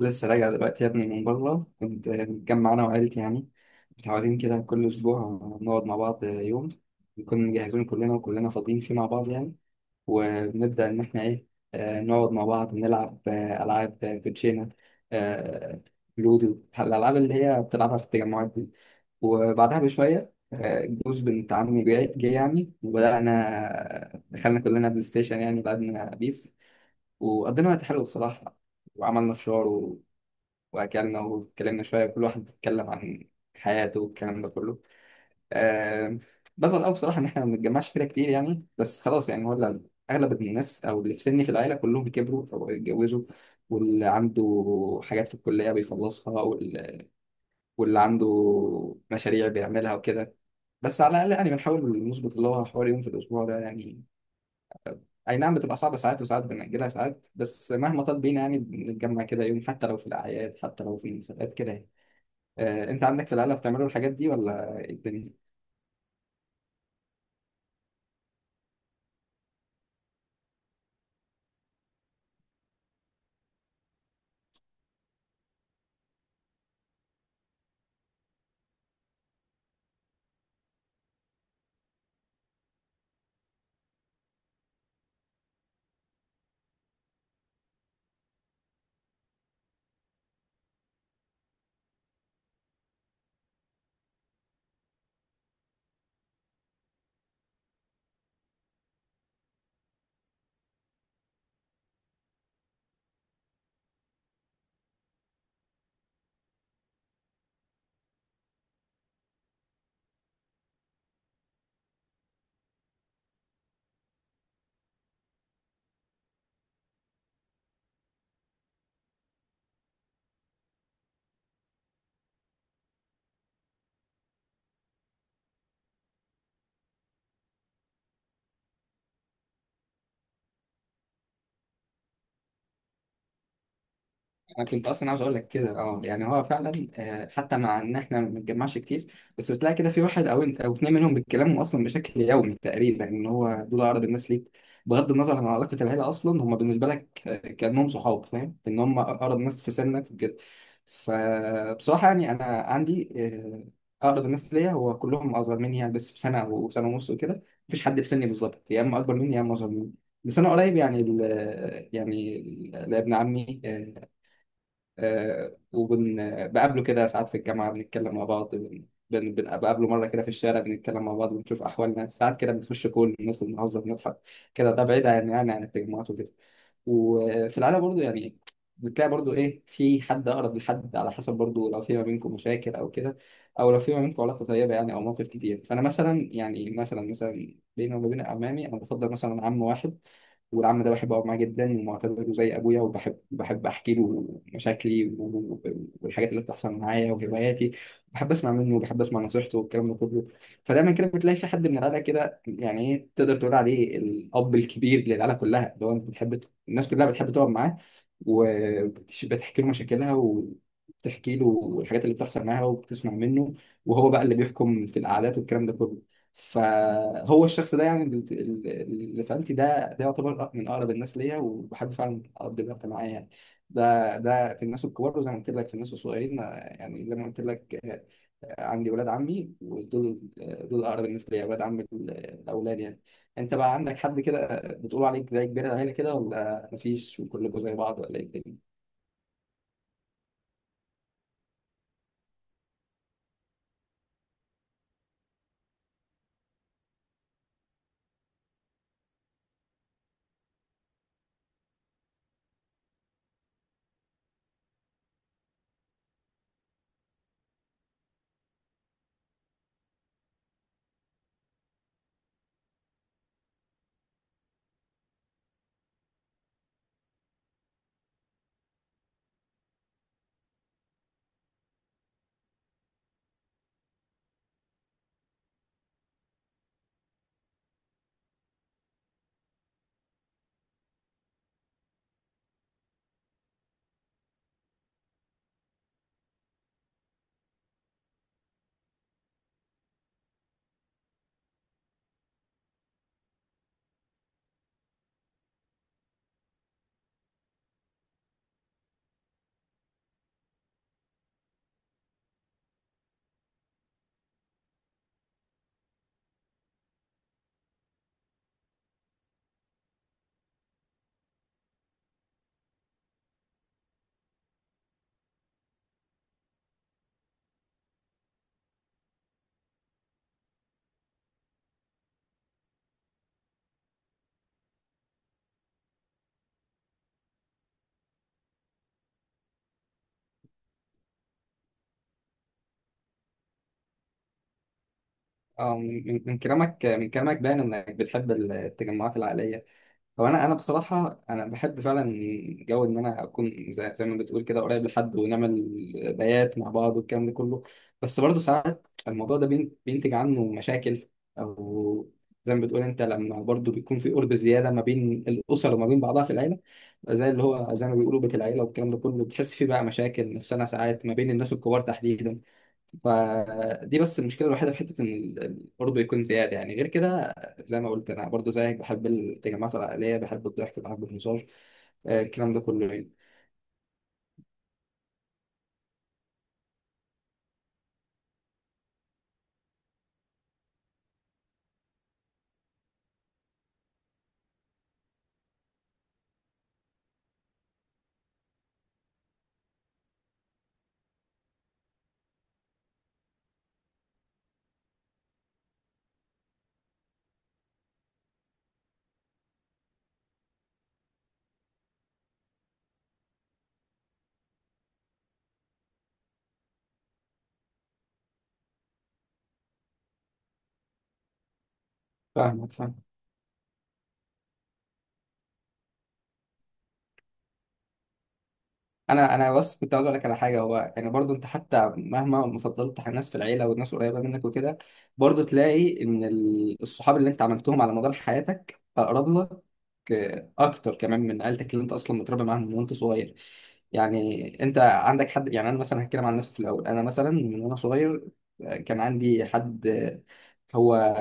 لسه راجع دلوقتي يا ابني من بره. كنت متجمع انا وعيلتي يعني متعودين كده كل اسبوع نقعد مع بعض يوم، نكون مجهزين كلنا وكلنا فاضيين فيه مع بعض يعني. وبنبدأ ان احنا ايه، نقعد مع بعض نلعب العاب، كوتشينه، آه، لودو، الالعاب اللي هي بتلعبها في التجمعات دي. وبعدها بشويه جوز بنت عمي جاي يعني، وبدأنا دخلنا كلنا بلاي ستيشن، يعني لعبنا بيس وقضينا وقت حلو بصراحة. وعملنا فشار واكلنا واتكلمنا شويه، كل واحد اتكلم عن حياته والكلام ده كله. آه بزعل قوي بصراحه ان احنا ما بنتجمعش كده كتير يعني، بس خلاص يعني، ولا اغلب الناس او اللي في سني في العيله كلهم كبروا فبقوا يتجوزوا، واللي عنده حاجات في الكليه بيخلصها، واللي عنده مشاريع بيعملها وكده. بس على الاقل يعني بنحاول نظبط اللي هو حوالي يوم في الاسبوع ده يعني. اي نعم بتبقى صعبه ساعات، وساعات بنأجلها ساعات، بس مهما طال بينا يعني بنتجمع كده يوم، حتى لو في الاعياد، حتى لو في المناسبات كده يعني. انت عندك في العيله بتعملوا الحاجات دي ولا إيه الدنيا؟ انا كنت اصلا عاوز اقول لك كده اه، يعني هو فعلا حتى مع ان احنا ما بنتجمعش كتير، بس بتلاقي كده في واحد او اتنين منهم بيتكلموا اصلا بشكل يومي تقريبا، ان هو دول اقرب الناس ليك بغض النظر عن علاقه العيله، اصلا هم بالنسبه لك كانهم صحاب، فاهم؟ ان هم اقرب ناس في سنك وكده. فبصراحه يعني انا عندي، اقرب الناس ليا هو كلهم اصغر مني يعني، بس بسنه او سنه ونص وكده. مفيش حد في سني بالظبط، يا اما اكبر مني يا اما اصغر مني. بس انا قريب يعني لابن عمي، وبقابله كده ساعات في الجامعة بنتكلم مع بعض، بقابله مرة كده في الشارع بنتكلم مع بعض، بنشوف أحوالنا ساعات كده، بنخش كل ندخل نهزر نضحك كده. ده بعيد عن يعني عن التجمعات وكده. وفي العالم برضو يعني بتلاقي برضو إيه، في حد أقرب لحد على حسب برضو، لو في ما بينكم مشاكل أو كده، أو لو في ما بينكم علاقة طيبة يعني، أو مواقف كتير. فأنا مثلا يعني، مثلا بيني وما بين عمامي أنا بفضل مثلا عم واحد، والعم ده بحب أقعد معاه جدا ومعتبره زي أبويا، وبحب أحكي له مشاكلي والحاجات اللي بتحصل معايا وهواياتي. بحب أسمع منه وبحب أسمع نصيحته والكلام ده كله. فدايما كده بتلاقي في حد من العيلة كده يعني إيه، تقدر تقول عليه الأب الكبير للعيلة كلها، اللي هو أنت بتحب الناس كلها بتحب تقعد معاه وبتحكي له مشاكلها وبتحكي له الحاجات اللي بتحصل معاها وبتسمع منه، وهو بقى اللي بيحكم في القعدات والكلام ده كله. فهو الشخص ده يعني اللي في عيلتي ده، ده يعتبر من اقرب الناس ليا وبحب فعلا اقضي الوقت معاه يعني. ده في الناس الكبار، وزي ما قلت لك في الناس الصغيرين، يعني لما قلت لك عندي ولاد عمي، ودول دول اقرب الناس ليا، ولاد عمي الاولاد يعني. انت بقى عندك حد كده بتقول عليك زي كبير العيله كده، ولا مفيش وكلكم زي بعض، ولا ايه الدنيا؟ اه، من كلامك، من كلامك باين انك بتحب التجمعات العائليه. هو انا بصراحه انا بحب فعلا جو ان انا اكون زي ما بتقول كده قريب لحد، ونعمل بيات مع بعض والكلام ده كله. بس برضه ساعات الموضوع ده بينتج عنه مشاكل، او زي ما بتقول انت، لما برضه بيكون في قرب زياده ما بين الاسر وما بين بعضها في العيله، زي اللي هو زي ما بيقولوا بيت العيله والكلام ده كله، بتحس فيه بقى مشاكل نفسنا ساعات ما بين الناس الكبار تحديدا. فدي بس المشكله الوحيده في حته ان برضه يكون زياده يعني. غير كده زي ما قلت، انا برضه زيك بحب التجمعات العائليه، بحب الضحك بحب الهزار، الكلام ده كله يعني. فاهمك، فاهم. انا بس كنت عاوز اقول لك على حاجه، هو يعني برضو انت حتى مهما ما فضلت الناس في العيله والناس قريبه منك وكده، برضو تلاقي ان الصحاب اللي انت عملتهم على مدار حياتك اقرب لك اكتر كمان من عيلتك اللي انت اصلا متربي معاهم من وانت صغير. يعني انت عندك حد يعني، انا مثلا هتكلم عن نفسي في الاول. انا مثلا من وانا صغير كان عندي حد، هو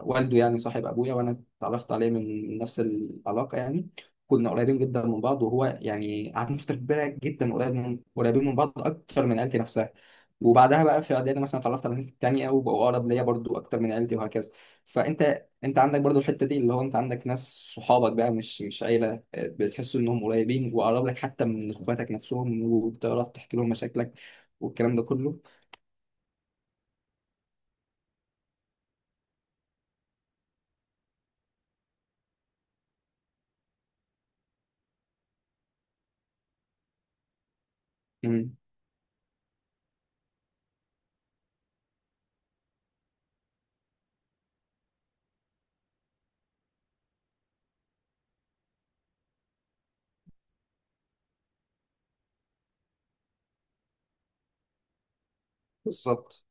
والده يعني صاحب ابويا، وانا اتعرفت عليه من نفس العلاقه يعني. كنا قريبين جدا من بعض، وهو يعني قعدنا فترة كبيرة جدا قريبين من بعض أكتر من عيلتي نفسها. وبعدها بقى في إعدادي مثلا اتعرفت على ناس تانية وبقوا أقرب ليا برضو أكتر من عيلتي، وهكذا. فأنت عندك برضو الحتة دي، اللي هو أنت عندك ناس، صحابك بقى مش عيلة، بتحس إنهم قريبين وأقرب لك حتى من إخواتك نفسهم، وبتعرف تحكي لهم مشاكلك والكلام ده كله. مم. بالظبط.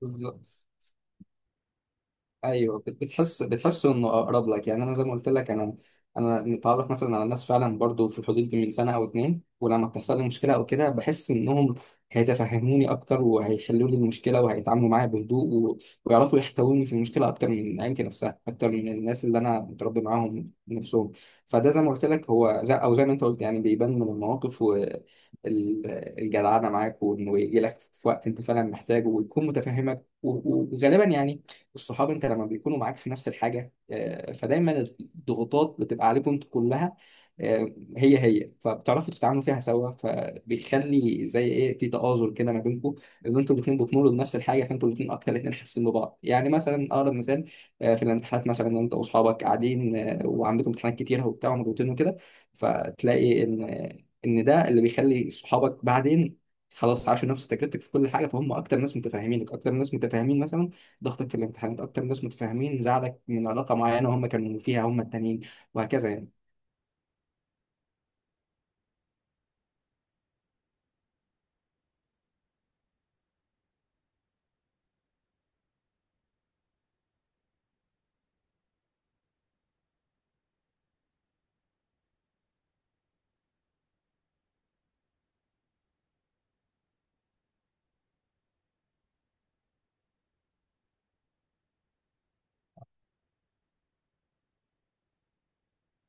بالظبط. ايوه، بتحس انه اقرب لك يعني. انا زي ما قلت لك، انا متعرف مثلا على الناس فعلا برضو في الحدود دي من سنه او اتنين، ولما بتحصل لي مشكله او كده، بحس انهم هيتفهموني اكتر وهيحلوا لي المشكله وهيتعاملوا معايا بهدوء، و... ويعرفوا يحتووني في المشكله اكتر من عيلتي نفسها، اكتر من الناس اللي انا متربي معاهم نفسهم. فده زي ما قلت لك هو زي، او زي ما انت قلت يعني، بيبان من المواقف والجدعنه معاك، وانه يجي لك في وقت انت فعلا محتاجه، ويكون متفهمك. و... وغالبا يعني الصحاب انت لما بيكونوا معاك في نفس الحاجه، فدايما الضغوطات بتبقى عليكم انتوا كلها، هي فبتعرفوا تتعاملوا فيها سوا، فبيخلي زي ايه، في تآزر كده ما بينكم. ان انتوا الاثنين بتمروا بنفس الحاجه، فانتوا الاثنين اكتر، الاثنين حاسين ببعض يعني. مثلا اقرب مثال، في الامتحانات مثلا انت واصحابك قاعدين وعندكم امتحانات كتيره وبتاع ومضغوطين وكده، فتلاقي ان ده اللي بيخلي صحابك بعدين خلاص عاشوا نفس تجربتك في كل حاجه. فهم اكتر ناس متفاهمينك، اكتر ناس متفاهمين مثلا ضغطك في الامتحانات، اكتر ناس متفاهمين زعلك من علاقه معينه هم كانوا فيها هم التانيين، وهكذا يعني.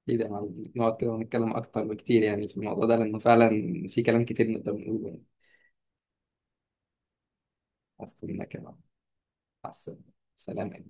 ايه ده معلم. نقعد كده ونتكلم اكتر بكتير يعني في الموضوع ده، لانه فعلا في كلام كتير نقدر نقوله يعني. اصلا كده مع السلامه. سلام.